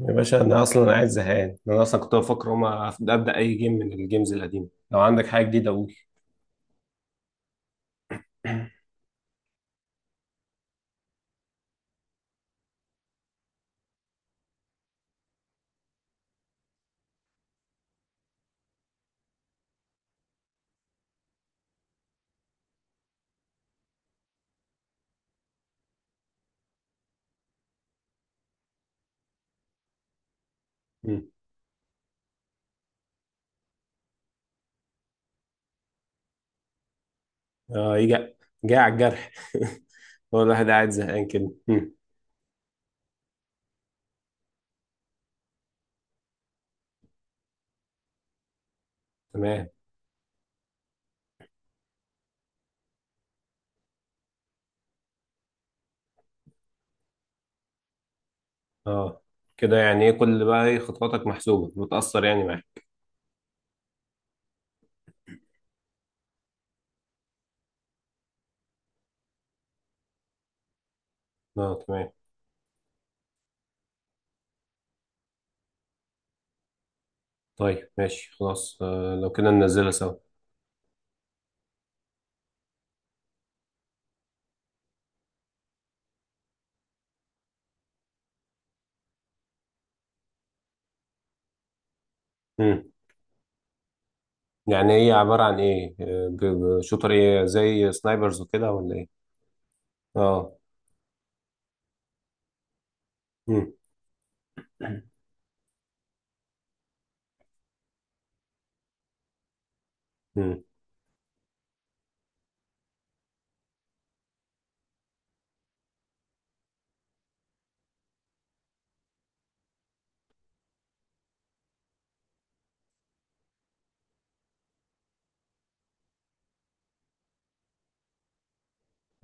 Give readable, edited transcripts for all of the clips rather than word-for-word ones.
يا باشا انا اصلا قاعد زهقان انا اصلا كنت بفكر هما ابدا اي جيم من الجيمز القديمه. لو عندك حاجه جديده قول. مم. اه يجي، جاي على الجرح. هو الواحد قاعد زهقان كده. مم. تمام. اه كده يعني ايه، كل بقى ايه خطواتك محسوبه بتاثر يعني معاك. اه تمام، طيب ماشي خلاص. لو كده ننزلها سوا. مم. يعني ايه، عباره عن ايه؟ شوتر ايه، زي سنايبرز وكده ولا ايه؟ اه. مم. مم.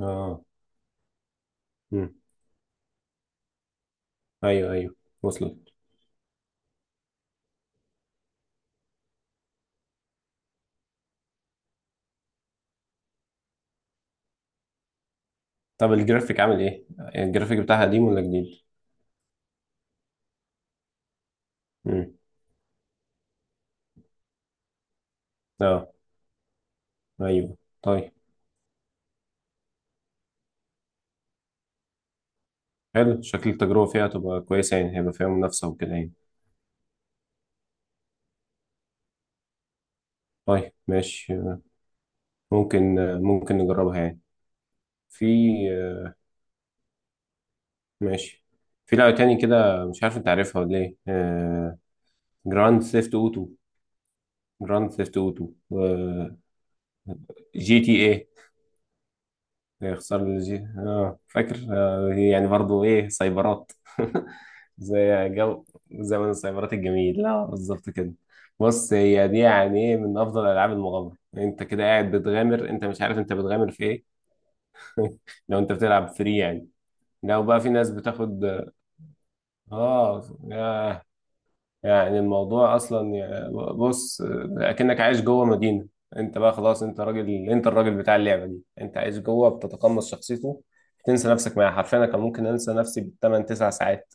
اه. مم. ايوه ايوه، وصلت. طب الجرافيك عامل ايه؟ الجرافيك بتاعها قديم ولا جديد؟ امم. اه ايوه طيب. حلو، شكل التجربة فيها تبقى كويسة، يعني هيبقى فيها منافسة وكده يعني. طيب ماشي، ممكن، ممكن نجربها يعني. في ماشي. في لعبة تاني كده، مش عارف انت عارفها ولا ايه؟ جراند ثيفت اوتو. جراند ثيفت اوتو جي تي إيه. يخسر الجي، اه فاكر. هي يعني برضو ايه، سايبرات. زي جو، زمن السايبرات الجميل، لا بالظبط كده. بص، هي دي يعني ايه من افضل العاب المغامره. انت كده قاعد بتغامر، انت مش عارف انت بتغامر في ايه. لو انت بتلعب فري يعني. لو بقى في ناس بتاخد، اه، آه، يعني الموضوع اصلا يا- بص، اكنك عايش جوه مدينه. انت بقى خلاص، انت راجل، انت الراجل بتاع اللعبه دي، انت عايش جوه بتتقمص شخصيته. تنسى نفسك معاه حرفيا، انا كان ممكن انسى نفسي بالثمان تسع ساعات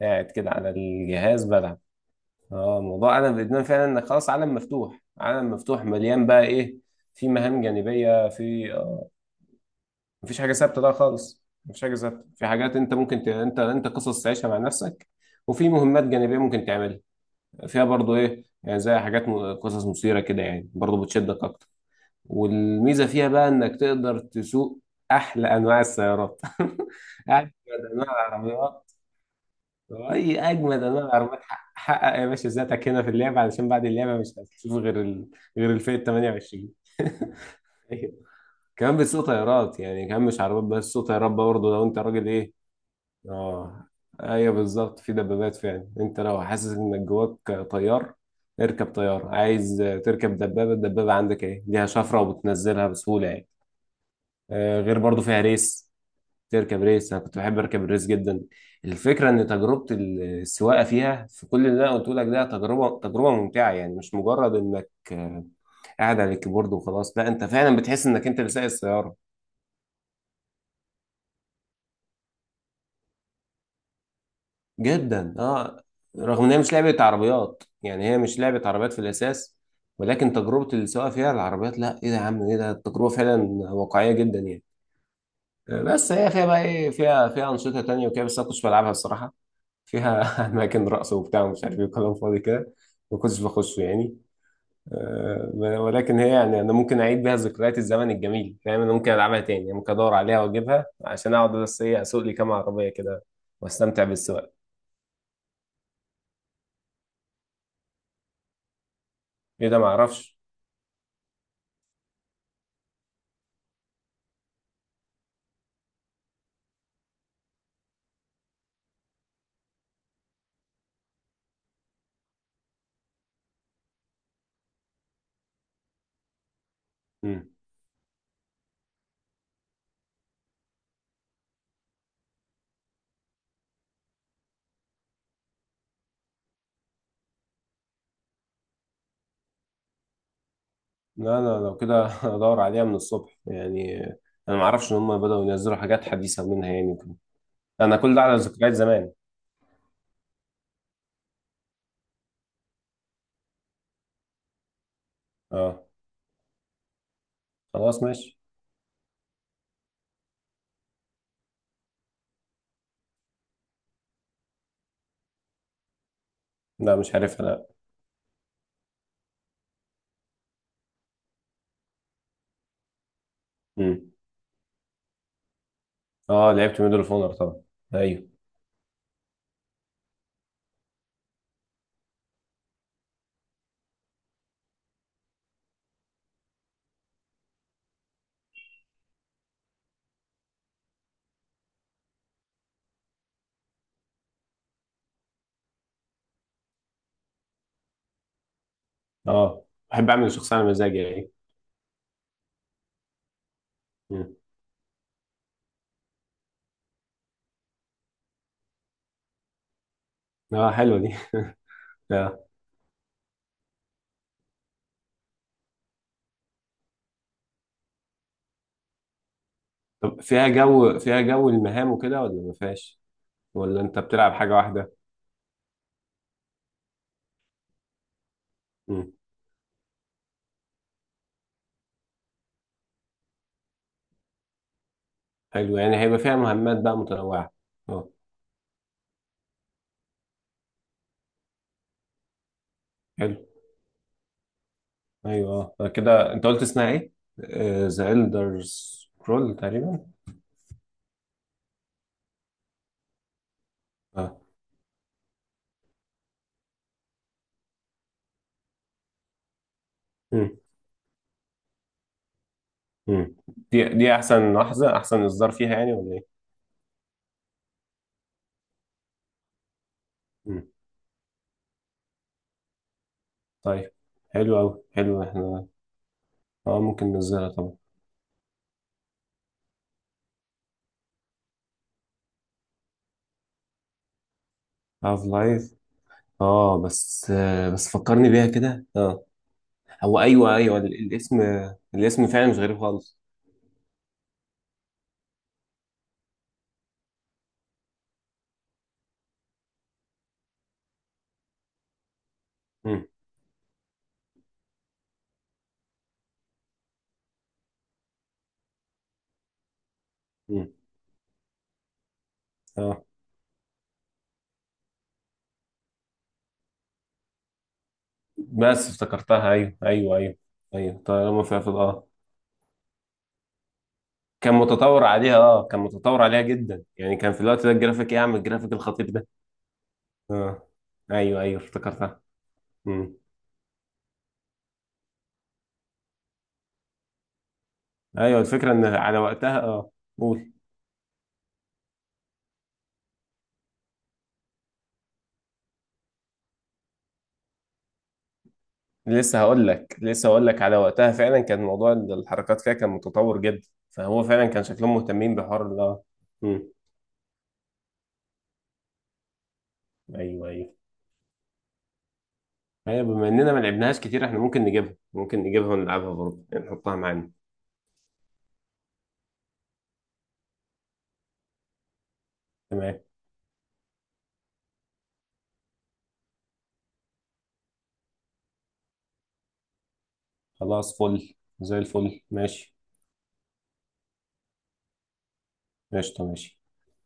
قاعد كده على الجهاز بلعب. اه الموضوع انا بادمان فعلا، انك خلاص عالم مفتوح، عالم مفتوح مليان بقى ايه، في مهام جانبيه، في مفيش حاجه ثابته ده خالص. مفيش حاجه ثابته، في حاجات انت ممكن ت... انت قصص تعيشها مع نفسك. وفي مهمات جانبيه ممكن تعملها. فيها برضو ايه يعني، زي حاجات م- قصص مثيرة كده يعني، برضو بتشدك اكتر. والميزة فيها بقى انك تقدر تسوق احلى انواع السيارات. اجمد انواع العربيات، اي اجمد انواع العربيات، حقق. حقق يا باشا ذاتك هنا في اللعبة، علشان بعد اللعبة مش هتشوف غير ال... غير الفئة 28. ايوه. كمان بتسوق طيارات يعني، كمان مش عربيات بس، بتسوق طيارات برضه لو انت راجل ايه. اه ايوه بالظبط، في دبابات فعلا. انت لو حاسس انك جواك طيار اركب طيارة، عايز تركب دبابة، الدبابة عندك ايه ليها شفرة وبتنزلها بسهولة يعني. غير برضو فيها ريس، تركب ريس، انا كنت بحب اركب الريس جدا. الفكرة ان تجربة السواقة فيها، في كل اللي انا قلته لك ده، تجربة ممتعة يعني، مش مجرد انك قاعد على الكيبورد وخلاص. لا انت فعلا بتحس انك انت اللي سايق السيارة. جدا اه. رغم ان هي مش لعبه عربيات يعني، هي مش لعبه عربيات في الاساس، ولكن تجربه السواقه فيها العربيات، لا ايه ده يا عم، ايه ده، التجربه فعلا واقعيه جدا يعني. بس هي فيها بقى ايه، فيها انشطه تانية وكده، بس انا ما كنتش بلعبها الصراحه. فيها اماكن رقص وبتاع ومش عارف ايه وكلام فاضي كده، ما كنتش بخشه يعني. آه، ولكن هي يعني انا ممكن اعيد بيها ذكريات الزمن الجميل، فاهم، انا ممكن العبها تاني يعني، ممكن ادور عليها واجيبها عشان اقعد بس ايه، اسوق لي كام عربيه كده واستمتع بالسواقه. ايه ده، ما اعرفش. لا انا لو كده ادور عليها من الصبح يعني. انا ما اعرفش ان هم بدأوا ينزلوا حاجات حديثة منها يعني وكده. انا كل ده على ذكريات زمان. اه خلاص ماشي. لا مش عارفها لا. امم. اه لعبت ميدل اوف اونر طبعا. ايوه. اه بحب اعمل الشخصية على مزاجي يعني. مم. اه حلوة دي. آه. طب فيها جو، فيها جو المهام وكده ولا ما فيهاش؟ ولا انت بتلعب حاجة واحدة؟ امم. حلو يعني هيبقى فيها مهمات بقى متنوعة. اه. حلو. ايوه كده انت قلت اسمها ايه؟ ذا إلدر سكرول تقريبا. اه. مم. مم. دي دي احسن اصدار فيها يعني ولا ايه؟ مم. طيب. حلو قوي، حلو. احنا اه ممكن ننزلها طبعا. هاف لايف. اه بس بس فكرني بيها كده، اه. هو ايوه ايوه، الاسم، الاسم فعلا مش غريب خالص. مم. مم. اه بس افتكرتها، ايوه ايوه ايوه. ايوه طالما فيها في اه. كان متطور عليها، اه كان متطور عليها جدا يعني، كان في الوقت ده الجرافيك ايه، عم الجرافيك الخطير ده. اه ايوه ايوه افتكرتها. امم. ايوه الفكره ان على وقتها، اه قول. لسه هقول لك على وقتها فعلا كان موضوع الحركات فيها كان متطور جدا، فهو فعلا كان شكلهم مهتمين بحوار ال اه. امم. ايوه ايوه ايوه، بما اننا ما لعبناها كتير احنا ممكن نجيبها، ممكن نجيبها ونلعبها برضه يعني، نحطها معانا. تمام. خلاص فل، زي الفل ماشي. قشطه ماشي.